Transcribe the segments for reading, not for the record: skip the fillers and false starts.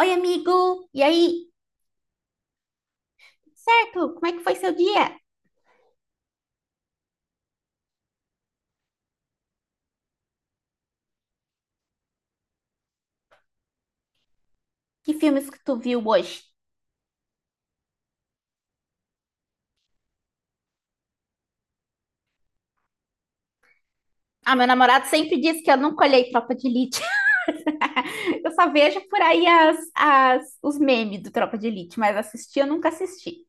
Oi, amigo! E aí? Certo? Como é que foi seu dia? Que filmes que tu viu hoje? Ah, meu namorado sempre diz que eu nunca olhei Tropa de Elite. Eu só vejo por aí os memes do Tropa de Elite, mas assistir eu nunca assisti.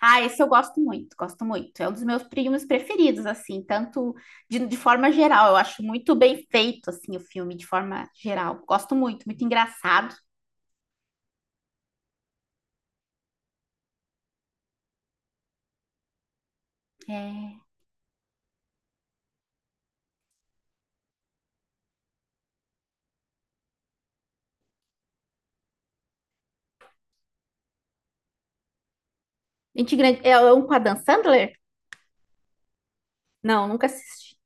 Ah, esse eu gosto muito, gosto muito. É um dos meus filmes preferidos, assim, tanto de forma geral. Eu acho muito bem feito, assim, o filme, de forma geral. Gosto muito, muito engraçado. É... Gente grande... É um com a Dan Sandler? Não, nunca assisti.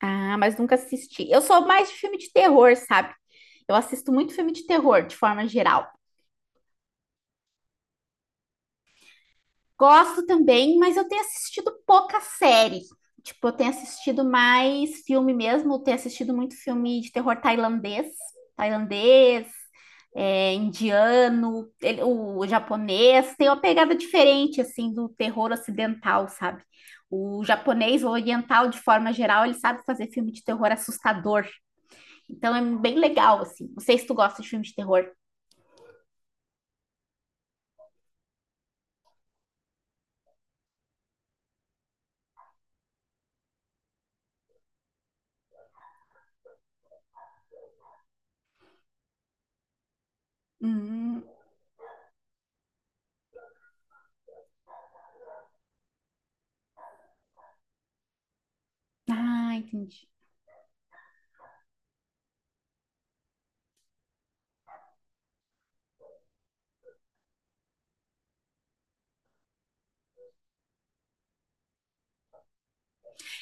Ah, mas nunca assisti. Eu sou mais de filme de terror, sabe? Eu assisto muito filme de terror, de forma geral. Gosto também, mas eu tenho assistido pouca série. Tipo, eu tenho assistido mais filme mesmo, eu tenho assistido muito filme de terror tailandês, indiano, o japonês, tem uma pegada diferente, assim, do terror ocidental, sabe? O japonês, o oriental, de forma geral, ele sabe fazer filme de terror assustador. Então é bem legal, assim. Não sei se tu gosta de filme de terror. Hum. Ah, entendi.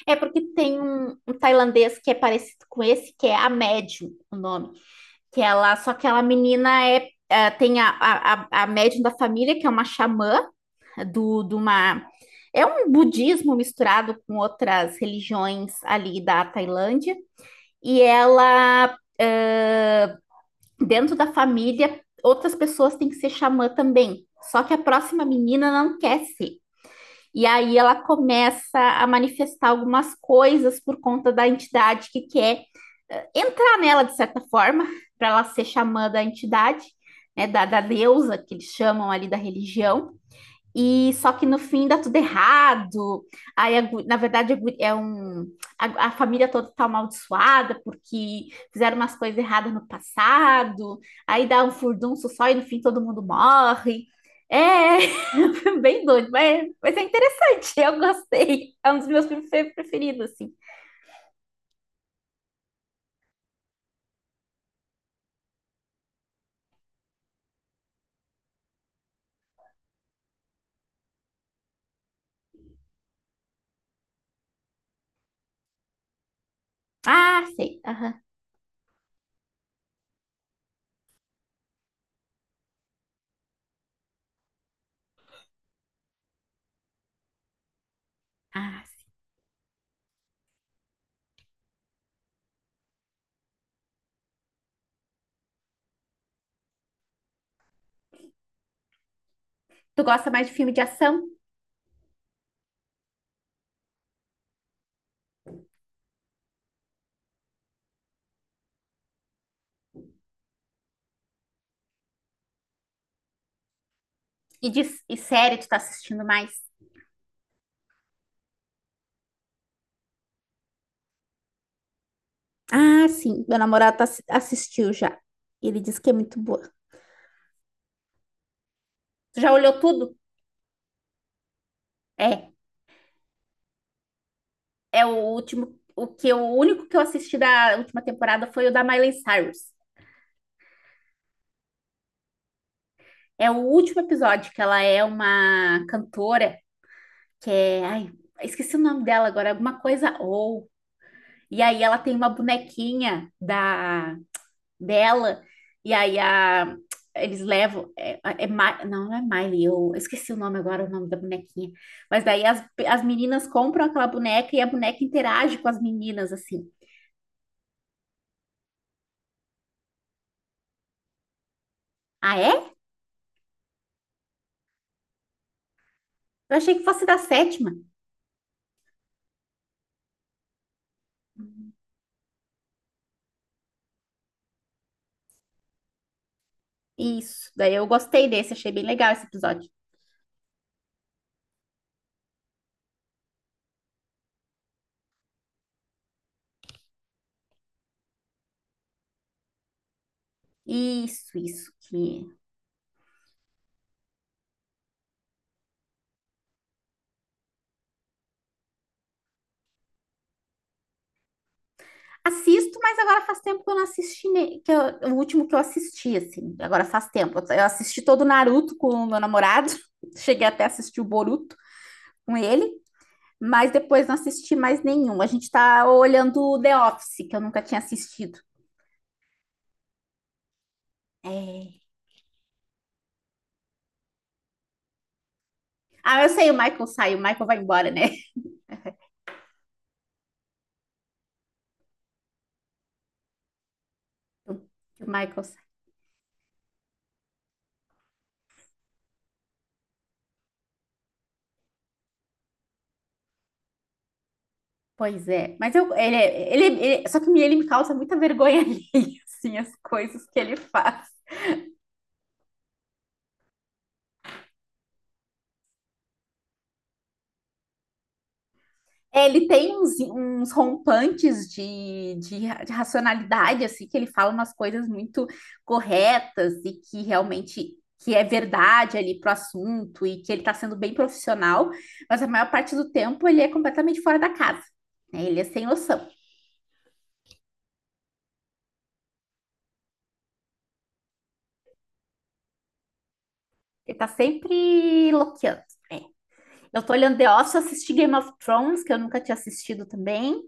É porque tem um tailandês que é parecido com esse, que é a Médium, o nome. Que ela, só que ela menina tem a médium da família, que é uma xamã de uma. É um budismo misturado com outras religiões ali da Tailândia. E ela, ah, dentro da família, outras pessoas têm que ser xamã também. Só que a próxima menina não quer ser. E aí ela começa a manifestar algumas coisas por conta da entidade que quer entrar nela de certa forma, para ela ser xamã da entidade, né, da deusa que eles chamam ali da religião. E só que no fim dá tudo errado. Aí, a gu- na verdade, a gu- é um, a família toda está amaldiçoada porque fizeram umas coisas erradas no passado. Aí dá um furdunço só e no fim todo mundo morre. É bem doido, mas é interessante. Eu gostei. É um dos meus filmes preferidos, assim. Ah, sei. Aham. Ah, sei. Tu gosta mais de filme de ação? E, de, e série tu tá assistindo mais? Ah, sim. Meu namorado tá, assistiu já. Ele disse que é muito boa. Tu já olhou tudo? É, é o último, o único que eu assisti da última temporada foi o da Miley Cyrus. É o último episódio que ela é uma cantora que é, ai, esqueci o nome dela agora, alguma coisa ou. E aí ela tem uma bonequinha da dela e aí a eles levam, não é Miley, eu esqueci o nome agora, o nome da bonequinha. Mas daí as meninas compram aquela boneca e a boneca interage com as meninas, assim. Ah, é? Eu achei que fosse da sétima. Isso, daí eu gostei desse, achei bem legal esse episódio. Isso que Assisto, mas agora faz tempo que eu não assisti, o último que eu assisti assim. Agora faz tempo. Eu assisti todo o Naruto com o meu namorado. Cheguei até a assistir o Boruto com ele, mas depois não assisti mais nenhum. A gente tá olhando o The Office, que eu nunca tinha assistido. É. Ah, eu sei, o Michael sai, o Michael vai embora, né? O Michael pois é, mas eu, ele, é- ele- só que ele me causa muita vergonha alheia, assim, as coisas que ele faz. É, ele tem uns rompantes de racionalidade, assim, que ele fala umas coisas muito corretas e que realmente que é verdade ali pro assunto e que ele tá sendo bem profissional, mas a maior parte do tempo ele é completamente fora da casa, né? Ele é sem noção. Ele tá sempre loqueando. Eu tô olhando The Office, assisti Game of Thrones, que eu nunca tinha assistido também.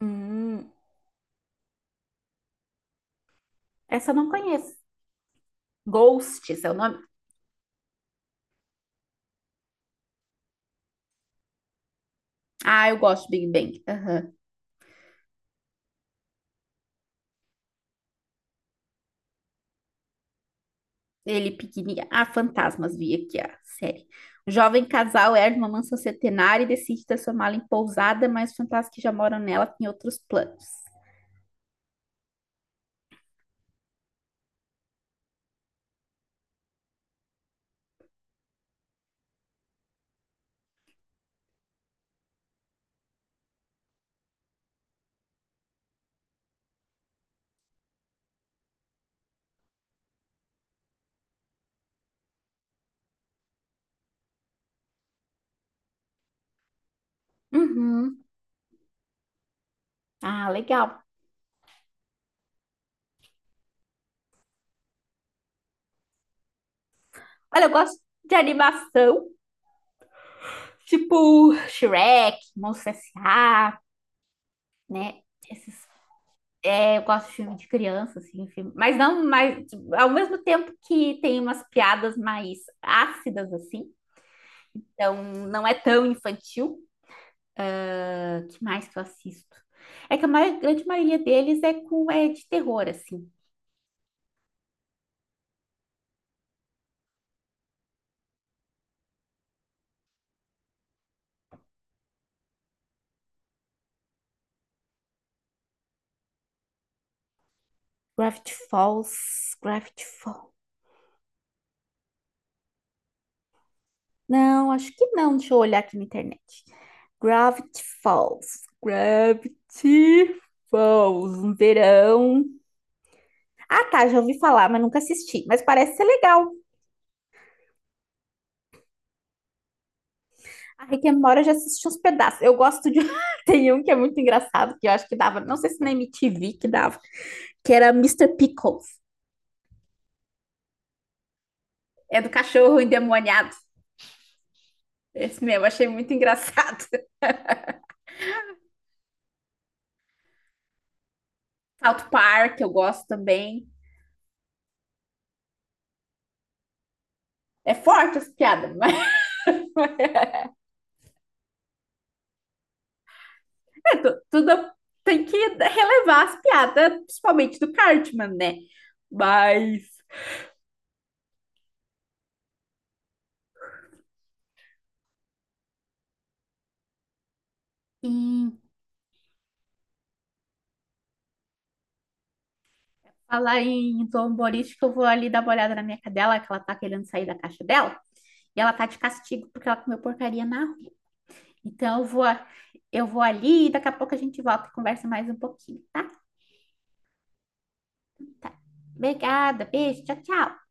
Hum, essa eu não conheço. Ghosts é o nome? Ah, eu gosto de Big Bang. Aham. Ele pequenininho. Ah, fantasmas, vi aqui a série. O jovem casal herda uma mansão centenária e decide transformá-la em pousada, mas os fantasmas que já moram nela têm outros planos. Uhum. Ah, legal. Olha, eu gosto de animação, tipo Shrek, Monstros S.A., né? Esses é, eu gosto de filme de criança, assim, mas não, mas tipo, ao mesmo tempo que tem umas piadas mais ácidas, assim, então não é tão infantil. Ah, que mais que eu assisto? É que a maior, grande maioria deles é com é de terror, assim. Gravity Falls, Gravity Falls. Não, acho que não. Deixa eu olhar aqui na internet. Gravity Falls, Gravity Falls, um verão. Ah, tá, já ouvi falar, mas nunca assisti. Mas parece ser legal. A Rick and Morty eu já assisti uns pedaços. Eu gosto de. Tem um que é muito engraçado, que eu acho que dava. Não sei se na MTV que dava, que era Mister Pickles. É do cachorro endemoniado. Esse mesmo, achei muito engraçado. South Park, eu gosto também. É forte as piadas, mas tudo tem que relevar as piadas, principalmente do Cartman, né? Mas em falar em zomborística, eu vou ali dar uma olhada na minha cadela, que ela tá querendo sair da caixa dela. E ela tá de castigo porque ela comeu porcaria na rua. Então eu vou ali e daqui a pouco a gente volta e conversa mais um pouquinho, tá? Tá. Obrigada, beijo, tchau, tchau.